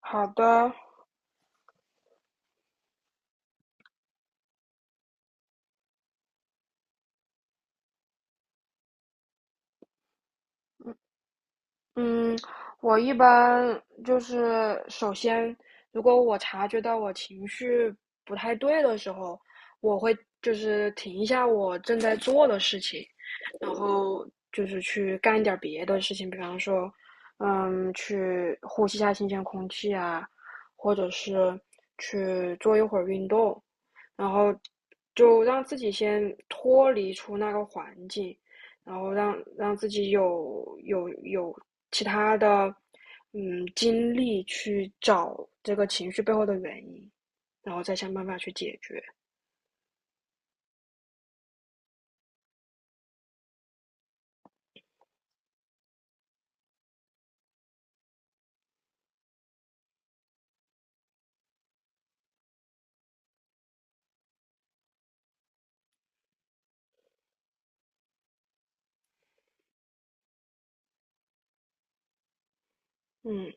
好的。嗯，我一般就是首先，如果我察觉到我情绪不太对的时候，我会就是停一下我正在做的事情，然后就是去干一点儿别的事情，比方说，去呼吸一下新鲜空气啊，或者是去做一会儿运动，然后就让自己先脱离出那个环境，然后让自己有其他的精力去找这个情绪背后的原因，然后再想办法去解决。嗯。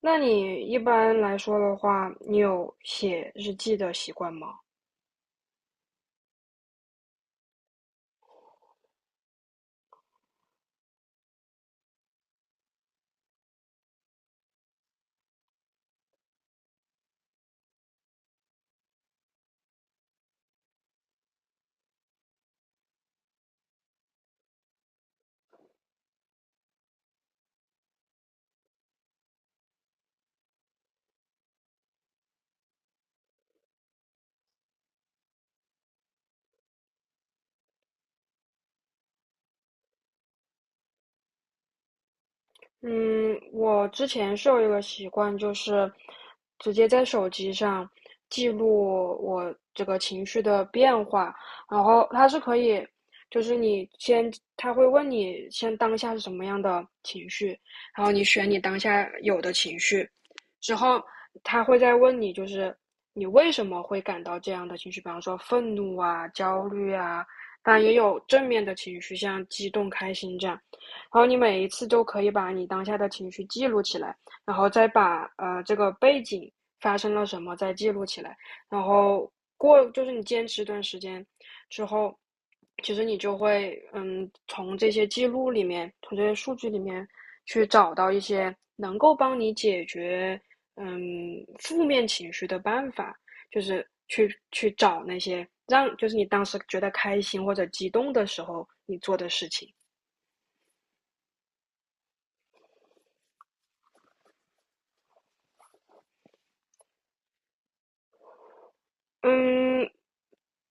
那你一般来说的话，你有写日记的习惯吗？嗯，我之前是有一个习惯，就是直接在手机上记录我这个情绪的变化，然后它是可以，就是你先，他会问你先当下是什么样的情绪，然后你选你当下有的情绪，之后他会再问你，就是你为什么会感到这样的情绪，比方说愤怒啊、焦虑啊，当然也有正面的情绪，像激动、开心这样。然后你每一次都可以把你当下的情绪记录起来，然后再把这个背景发生了什么再记录起来，然后过就是你坚持一段时间之后，其实你就会从这些记录里面，从这些数据里面去找到一些能够帮你解决嗯负面情绪的办法，就是去找那些让就是你当时觉得开心或者激动的时候你做的事情。嗯，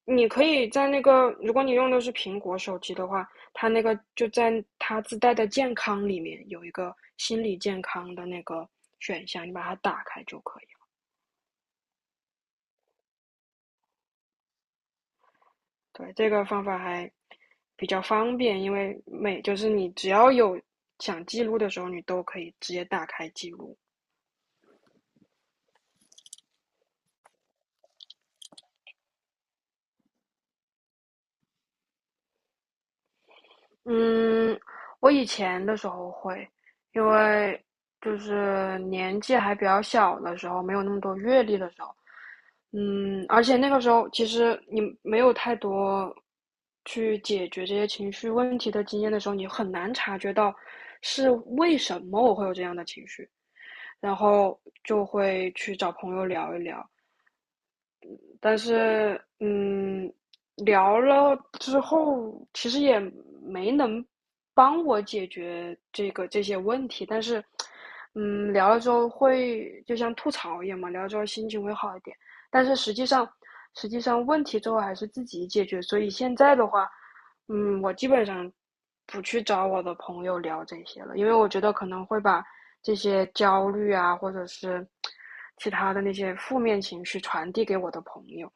你可以在那个，如果你用的是苹果手机的话，它那个就在它自带的健康里面有一个心理健康的那个选项，你把它打开就可以了。对，这个方法还比较方便，因为每就是你只要有想记录的时候，你都可以直接打开记录。嗯，我以前的时候会，因为就是年纪还比较小的时候，没有那么多阅历的时候，嗯，而且那个时候其实你没有太多去解决这些情绪问题的经验的时候，你很难察觉到是为什么我会有这样的情绪，然后就会去找朋友聊一聊，但是聊了之后，其实也没能帮我解决这些问题，但是嗯，聊了之后会就像吐槽一样嘛，聊了之后心情会好一点，但是实际上问题最后还是自己解决，所以现在的话，嗯，我基本上不去找我的朋友聊这些了，因为我觉得可能会把这些焦虑啊，或者是其他的那些负面情绪传递给我的朋友。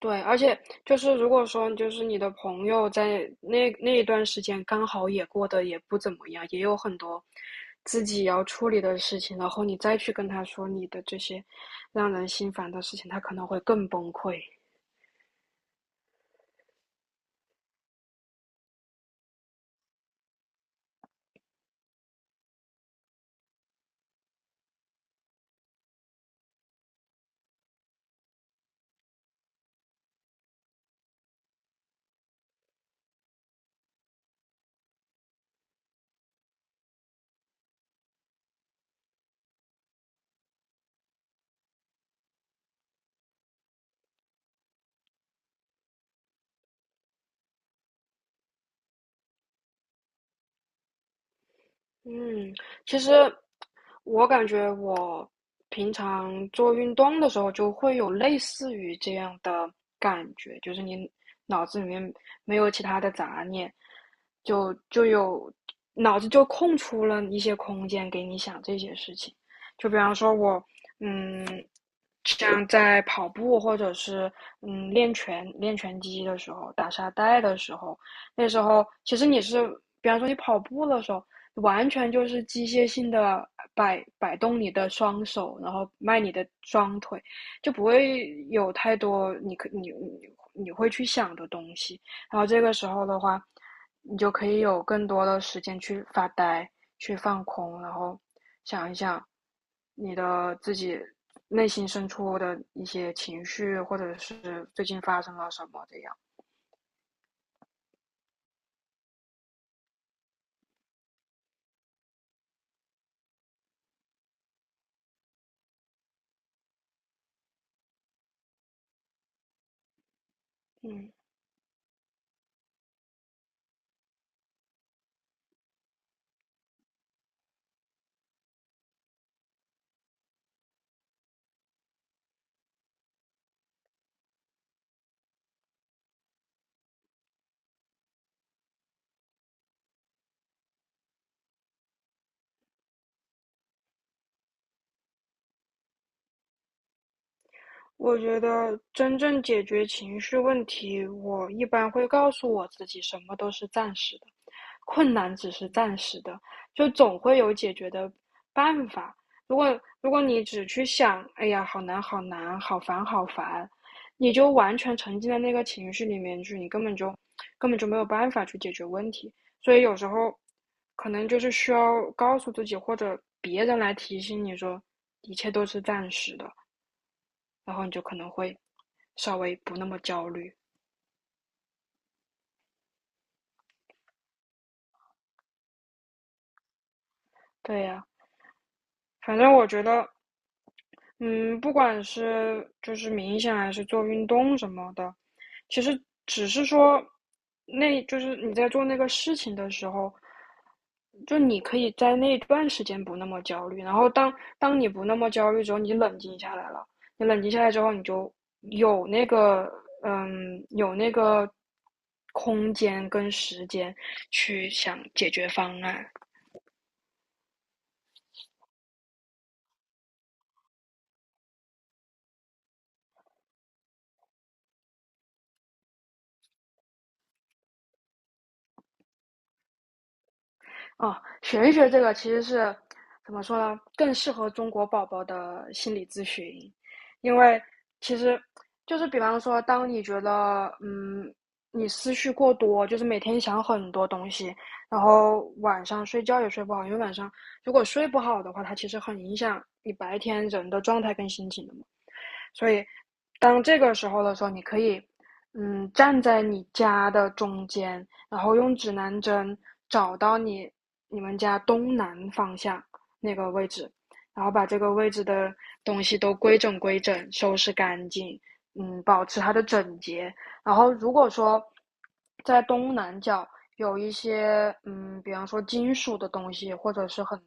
对，而且就是如果说就是你的朋友在那一段时间刚好也过得也不怎么样，也有很多自己要处理的事情，然后你再去跟他说你的这些让人心烦的事情，他可能会更崩溃。嗯，其实我感觉我平常做运动的时候就会有类似于这样的感觉，就是你脑子里面没有其他的杂念，就有脑子就空出了一些空间给你想这些事情。就比方说我，嗯，像在跑步或者是练拳击的时候，打沙袋的时候，那时候其实你是，比方说你跑步的时候。完全就是机械性的摆动你的双手，然后迈你的双腿，就不会有太多你可你你你会去想的东西。然后这个时候的话，你就可以有更多的时间去发呆、去放空，然后想一想你的自己内心深处的一些情绪，或者是最近发生了什么这样。嗯。我觉得真正解决情绪问题，我一般会告诉我自己，什么都是暂时的，困难只是暂时的，就总会有解决的办法。如果你只去想，哎呀，好难，好难，好烦，好烦，你就完全沉浸在那个情绪里面去，你根本就没有办法去解决问题。所以有时候可能就是需要告诉自己，或者别人来提醒你说，一切都是暂时的。然后你就可能会稍微不那么焦虑。对呀、反正我觉得，嗯，不管是就是冥想还是做运动什么的，其实只是说，那就是你在做那个事情的时候，就你可以在那段时间不那么焦虑，然后当你不那么焦虑之后，你冷静下来了，你冷静下来之后，你就有那个有那个空间跟时间去想解决方案。哦，玄学这个其实是怎么说呢？更适合中国宝宝的心理咨询，因为其实就是比方说，当你觉得你思绪过多，就是每天想很多东西，然后晚上睡觉也睡不好，因为晚上如果睡不好的话，它其实很影响你白天人的状态跟心情的嘛。所以当这个时候的时候，你可以站在你家的中间，然后用指南针找到你你们家东南方向那个位置，然后把这个位置的东西都规整规整，收拾干净，嗯，保持它的整洁。然后如果说在东南角有一些比方说金属的东西，或者是很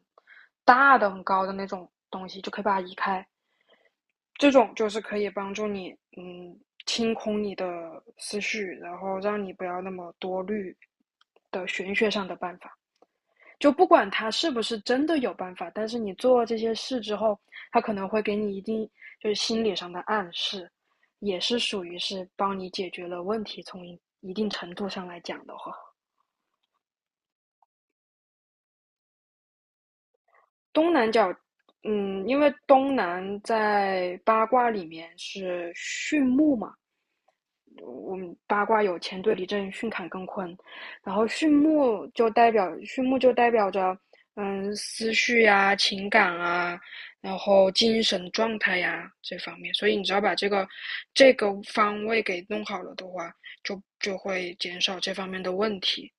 大的、很高的那种东西，就可以把它移开。这种就是可以帮助你，嗯，清空你的思绪，然后让你不要那么多虑的玄学上的办法。就不管它是不是真的有办法，但是你做这些事之后，它可能会给你一定就是心理上的暗示，也是属于是帮你解决了问题。从一定程度上来讲的话，东南角，嗯，因为东南在八卦里面是巽木嘛。我们八卦有乾对离震巽坎艮坤，然后巽木就代表着思绪呀、啊情感啊，然后精神状态呀啊这方面，所以你只要把这个方位给弄好了的话，就会减少这方面的问题。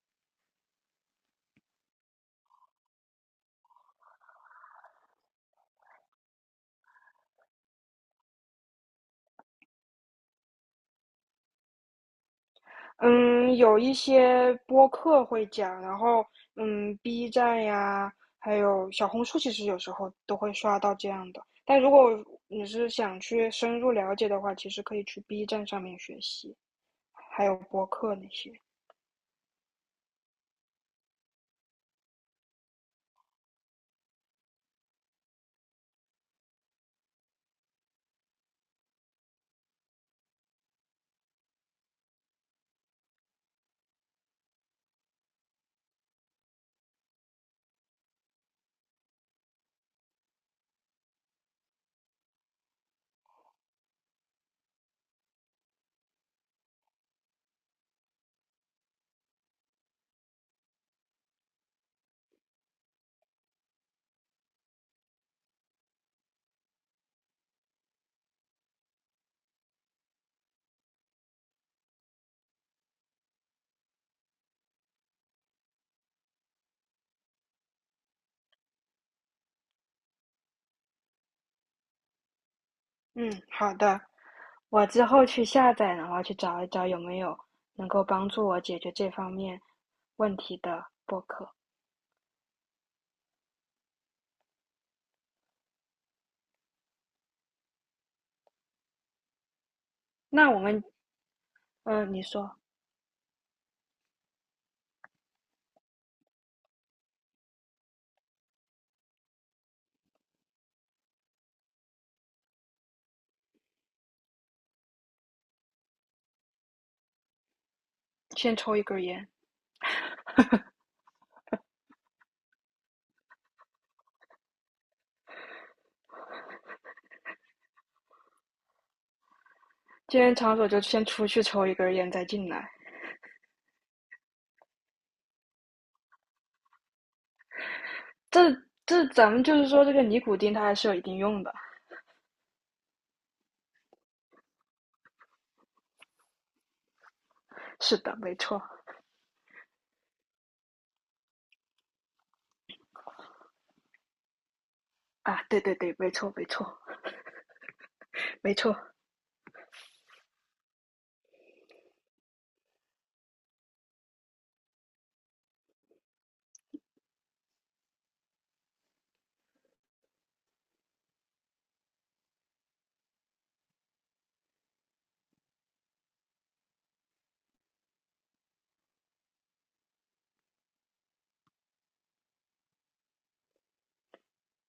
嗯，有一些播客会讲，然后嗯，B 站呀，还有小红书，其实有时候都会刷到这样的。但如果你是想去深入了解的话，其实可以去 B 站上面学习，还有播客那些。嗯，好的，我之后去下载，然后去找一找有没有能够帮助我解决这方面问题的播客。那我们，嗯，你说，先抽一根儿烟，今天场所就先出去抽一根儿烟，再进来。这这咱们就是说，这个尼古丁它还是有一定用的。是的，没错。啊，对对对，没错没错没错。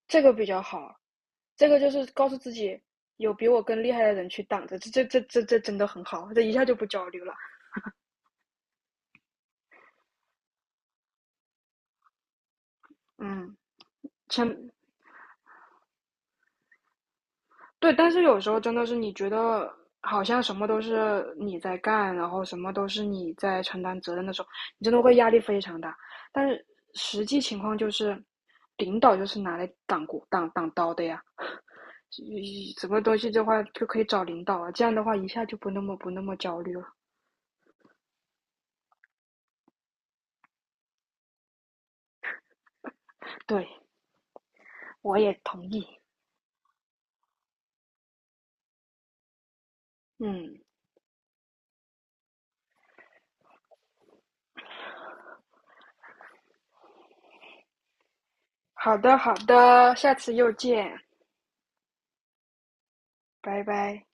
这个比较好，这个就是告诉自己有比我更厉害的人去挡着，这真的很好，这一下就不焦虑了。嗯，前对，但是有时候真的是你觉得好像什么都是你在干，然后什么都是你在承担责任的时候，你真的会压力非常大。但是实际情况就是，领导就是拿来挡鼓挡挡刀的呀。嗯什么东西的话就可以找领导啊，这样的话一下就不那么焦虑了。对，我也同意。嗯，好的好的，下次又见，拜拜。